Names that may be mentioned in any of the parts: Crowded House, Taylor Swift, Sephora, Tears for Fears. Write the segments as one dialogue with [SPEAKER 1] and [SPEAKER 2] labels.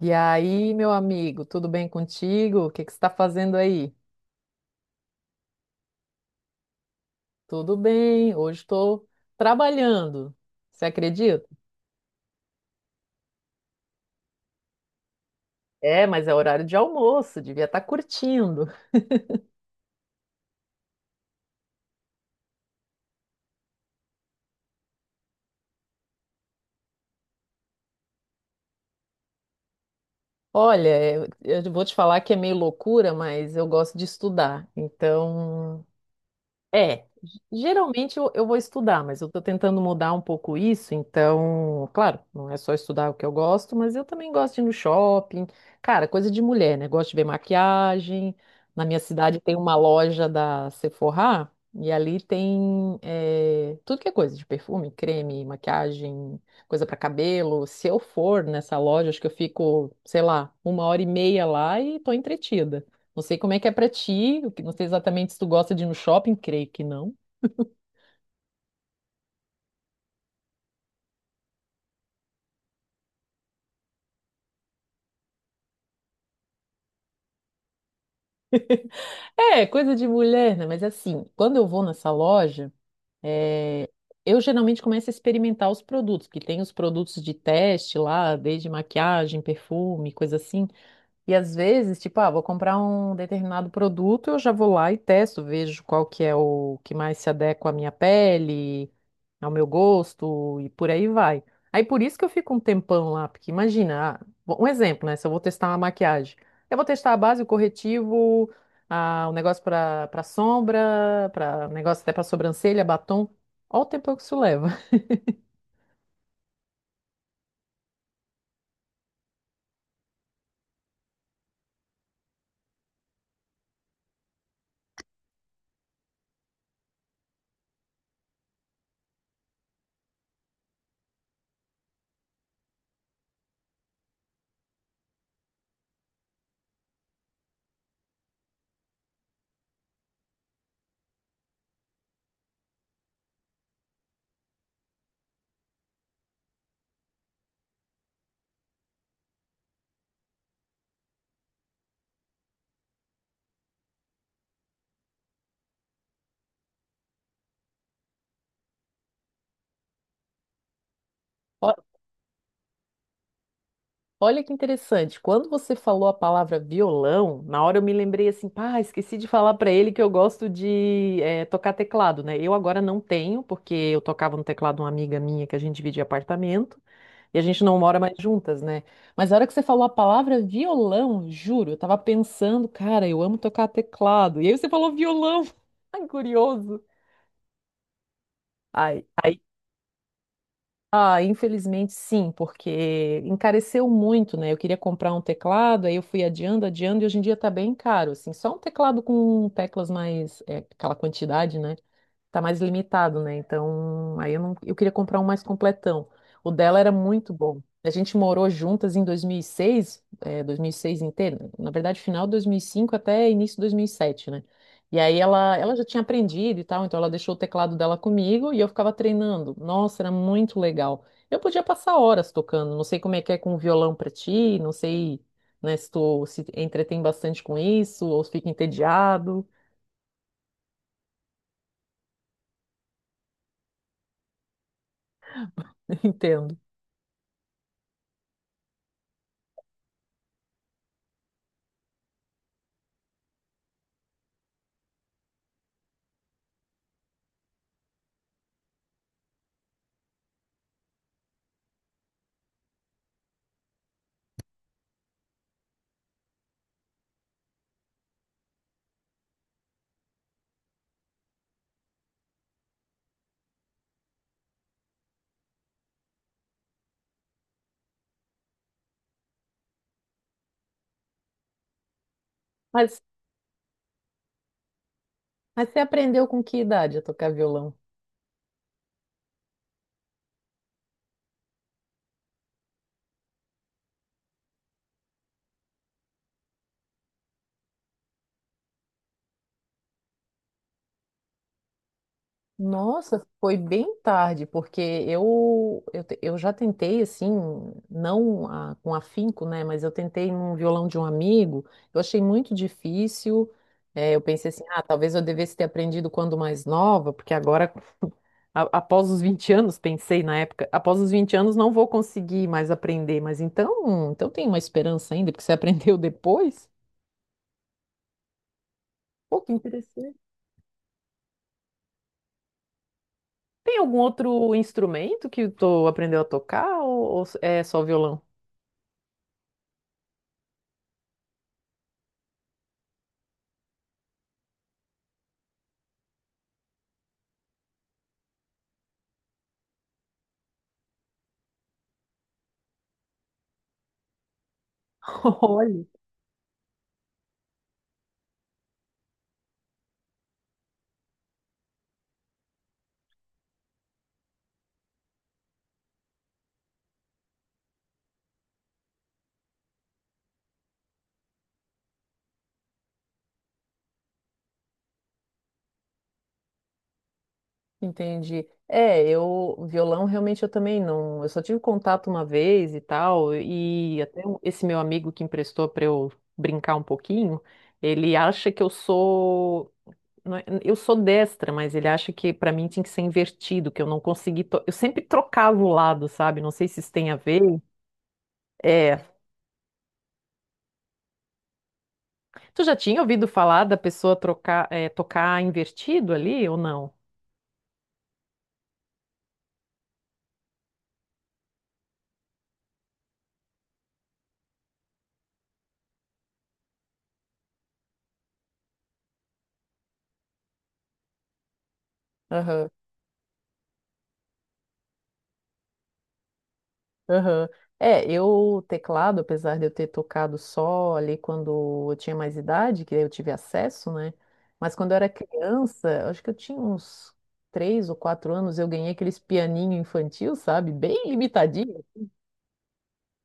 [SPEAKER 1] E aí, meu amigo, tudo bem contigo? O que que você está fazendo aí? Tudo bem, hoje estou trabalhando. Você acredita? É, mas é horário de almoço, devia estar curtindo. Olha, eu vou te falar que é meio loucura, mas eu gosto de estudar. Então, É, geralmente eu vou estudar, mas eu estou tentando mudar um pouco isso, então, claro, não é só estudar o que eu gosto, mas eu também gosto de ir no shopping. Cara, coisa de mulher, né? Gosto de ver maquiagem. Na minha cidade tem uma loja da Sephora, e ali tem tudo que é coisa de perfume, creme, maquiagem, coisa para cabelo. Se eu for nessa loja, acho que eu fico, sei lá, uma hora e meia lá e tô entretida. Não sei como é que é pra ti, não sei exatamente se tu gosta de ir no shopping, creio que não. É, coisa de mulher, né? Mas assim, quando eu vou nessa loja, é, eu geralmente começo a experimentar os produtos, porque tem os produtos de teste lá, desde maquiagem, perfume, coisa assim. E às vezes, tipo, ah, vou comprar um determinado produto, eu já vou lá e testo, vejo qual que é o que mais se adequa à minha pele, ao meu gosto e por aí vai. Aí por isso que eu fico um tempão lá, porque imagina, ah, bom, um exemplo, né? Se eu vou testar uma maquiagem, eu vou testar a base, o corretivo, o negócio para sombra, para negócio até para sobrancelha, batom. Olha o tempo que isso leva. Olha que interessante. Quando você falou a palavra violão, na hora eu me lembrei assim, pá, esqueci de falar pra ele que eu gosto de tocar teclado, né? Eu agora não tenho, porque eu tocava no teclado de uma amiga minha que a gente dividia apartamento e a gente não mora mais juntas, né? Mas na hora que você falou a palavra violão, juro, eu tava pensando, cara, eu amo tocar teclado. E aí você falou violão. Ai, curioso. Ai, aí. Ah, infelizmente sim, porque encareceu muito, né? Eu queria comprar um teclado, aí eu fui adiando, adiando, e hoje em dia tá bem caro, assim. Só um teclado com teclas mais, aquela quantidade, né? Tá mais limitado, né? Então, aí eu não, eu queria comprar um mais completão. O dela era muito bom. A gente morou juntas em 2006, 2006 inteiro, na verdade, final de 2005 até início de 2007, né? E aí ela já tinha aprendido e tal, então ela deixou o teclado dela comigo e eu ficava treinando. Nossa, era muito legal. Eu podia passar horas tocando, não sei como é que é com o violão pra ti, não sei, né, se tu se entretém bastante com isso ou se fica entediado. Entendo. Mas, mas você aprendeu com que idade a tocar violão? Nossa, foi bem tarde, porque eu já tentei, assim, não com afinco, né? Mas eu tentei num violão de um amigo, eu achei muito difícil. É eu pensei assim, ah, talvez eu devesse ter aprendido quando mais nova, porque agora, após os 20 anos, pensei na época, após os 20 anos não vou conseguir mais aprender, mas então tem uma esperança ainda, porque você aprendeu depois? Pô, que interessante. Tem algum outro instrumento que tu aprendeu a tocar ou é só violão? Olha. Entendi. É, violão realmente eu também não. Eu só tive contato uma vez e tal, e até esse meu amigo que emprestou para eu brincar um pouquinho, ele acha que eu sou. Não, eu sou destra, mas ele acha que para mim tinha que ser invertido, que eu não consegui. Eu sempre trocava o lado, sabe? Não sei se isso tem a ver. É. Tu já tinha ouvido falar da pessoa trocar, tocar invertido ali ou não? Aham. É, teclado, apesar de eu ter tocado só ali quando eu tinha mais idade, que eu tive acesso, né? Mas quando eu era criança, acho que eu tinha uns 3 ou 4 anos, eu ganhei aqueles pianinho infantil, sabe? Bem limitadinho,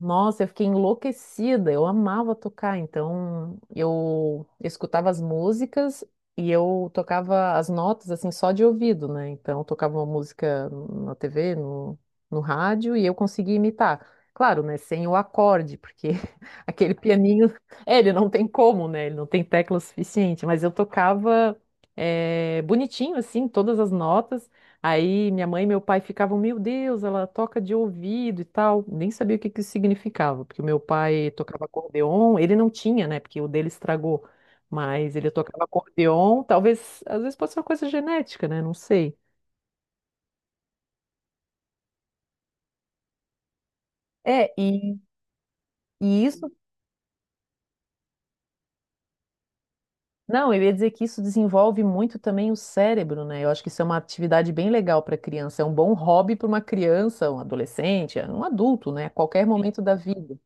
[SPEAKER 1] nossa, eu fiquei enlouquecida. Eu amava tocar, então eu escutava as músicas e eu tocava as notas assim só de ouvido, né? Então eu tocava uma música na TV, no rádio e eu conseguia imitar. Claro, né? Sem o acorde, porque aquele pianinho, ele não tem como, né? Ele não tem tecla suficiente, mas eu tocava bonitinho assim todas as notas. Aí minha mãe e meu pai ficavam, meu Deus, ela toca de ouvido e tal. Nem sabia o que que isso significava, porque o meu pai tocava acordeon, ele não tinha, né? Porque o dele estragou. Mas ele tocava acordeon, talvez, às vezes pode ser uma coisa genética, né? Não sei. É, e isso, não, eu ia dizer que isso desenvolve muito também o cérebro, né? Eu acho que isso é uma atividade bem legal para criança, é um bom hobby para uma criança, um adolescente, um adulto, né? Qualquer momento da vida.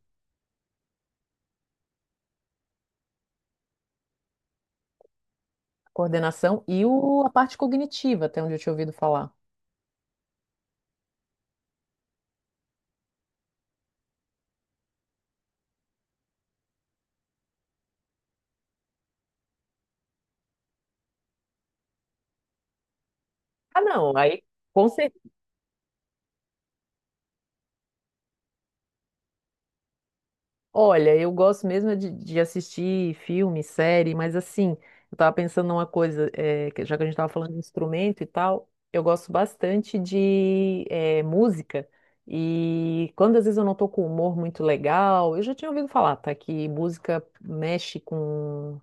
[SPEAKER 1] Coordenação e a parte cognitiva, até onde eu tinha ouvido falar. Ah, não, aí com certeza. Olha, eu gosto mesmo é de assistir filme, série, mas assim, eu tava pensando numa coisa, que já que a gente tava falando de instrumento e tal, eu gosto bastante de música. E quando às vezes eu não tô com humor muito legal, eu já tinha ouvido falar, tá? Que música mexe com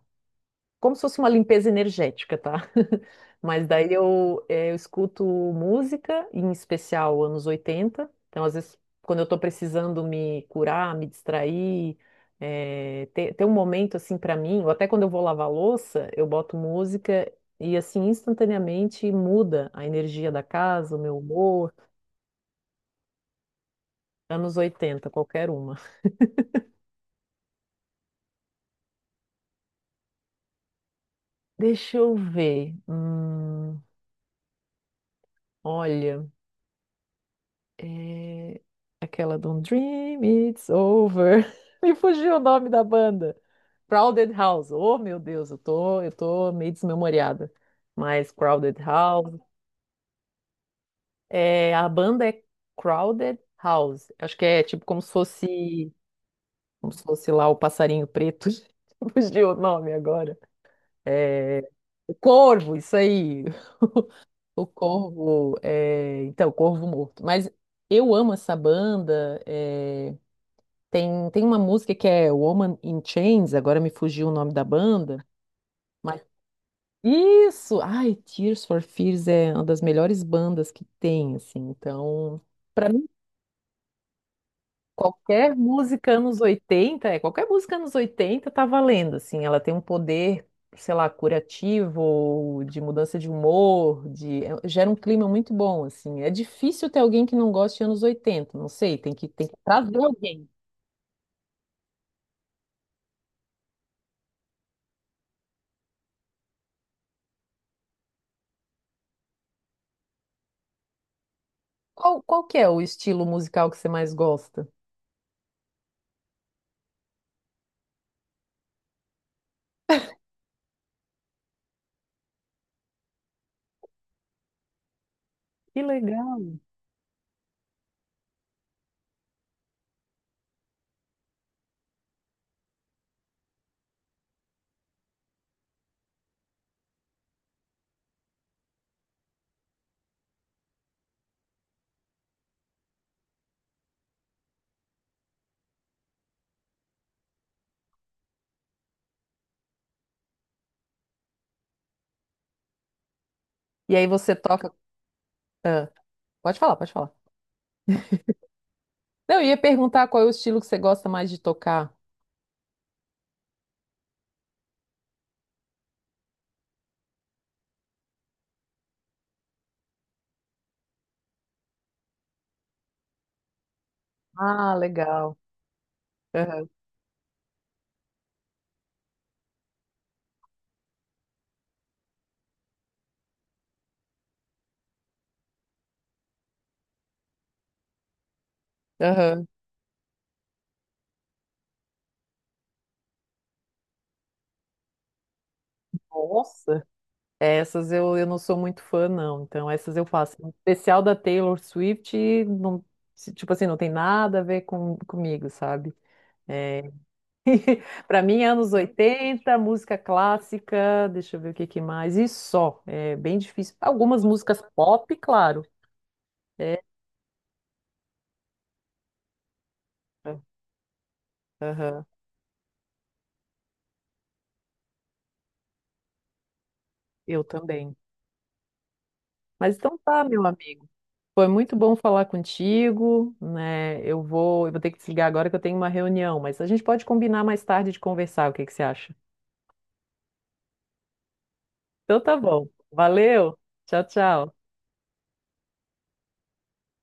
[SPEAKER 1] como se fosse uma limpeza energética, tá? Mas daí eu escuto música, em especial anos 80. Então, às vezes, quando eu tô precisando me curar, me distrair, ter um momento assim pra mim, ou até quando eu vou lavar louça, eu boto música e assim instantaneamente muda a energia da casa, o meu humor. Anos 80, qualquer uma. Deixa eu ver. Olha. É, Aquela don't Dream It's Over. Me fugiu o nome da banda. Crowded House. Oh, meu Deus, eu tô meio desmemoriada. Mas Crowded House. A banda é Crowded House. Acho que é tipo como se fosse lá o passarinho preto. Fugiu o nome agora. É, o Corvo, isso aí. O Corvo, então, o Corvo Morto. Mas eu amo essa banda. Tem uma música que é Woman in Chains, agora me fugiu o nome da banda, mas isso! Ai, Tears for Fears é uma das melhores bandas que tem, assim. Então, pra mim, qualquer música anos 80, qualquer música anos 80 tá valendo, assim. Ela tem um poder, sei lá, curativo, de mudança de humor, gera um clima muito bom, assim. É difícil ter alguém que não goste de anos 80, não sei, tem que trazer alguém. Qual que é o estilo musical que você mais gosta? Que legal. E aí você toca. Ah, pode falar, pode falar. Não, eu ia perguntar qual é o estilo que você gosta mais de tocar. Ah, legal. Aham, aham. Nossa. Essas eu não sou muito fã, não. Então, essas eu faço. Em especial da Taylor Swift, não, tipo assim, não tem nada a ver comigo, sabe? É, para mim, anos 80, música clássica, deixa eu ver o que que mais, e só. É bem difícil. Algumas músicas pop, claro. É, aham, eu também. Mas então tá, meu amigo. Foi muito bom falar contigo, né? Eu vou ter que desligar agora que eu tenho uma reunião, mas a gente pode combinar mais tarde de conversar, o que que você acha? Então tá bom. Valeu. Tchau, tchau.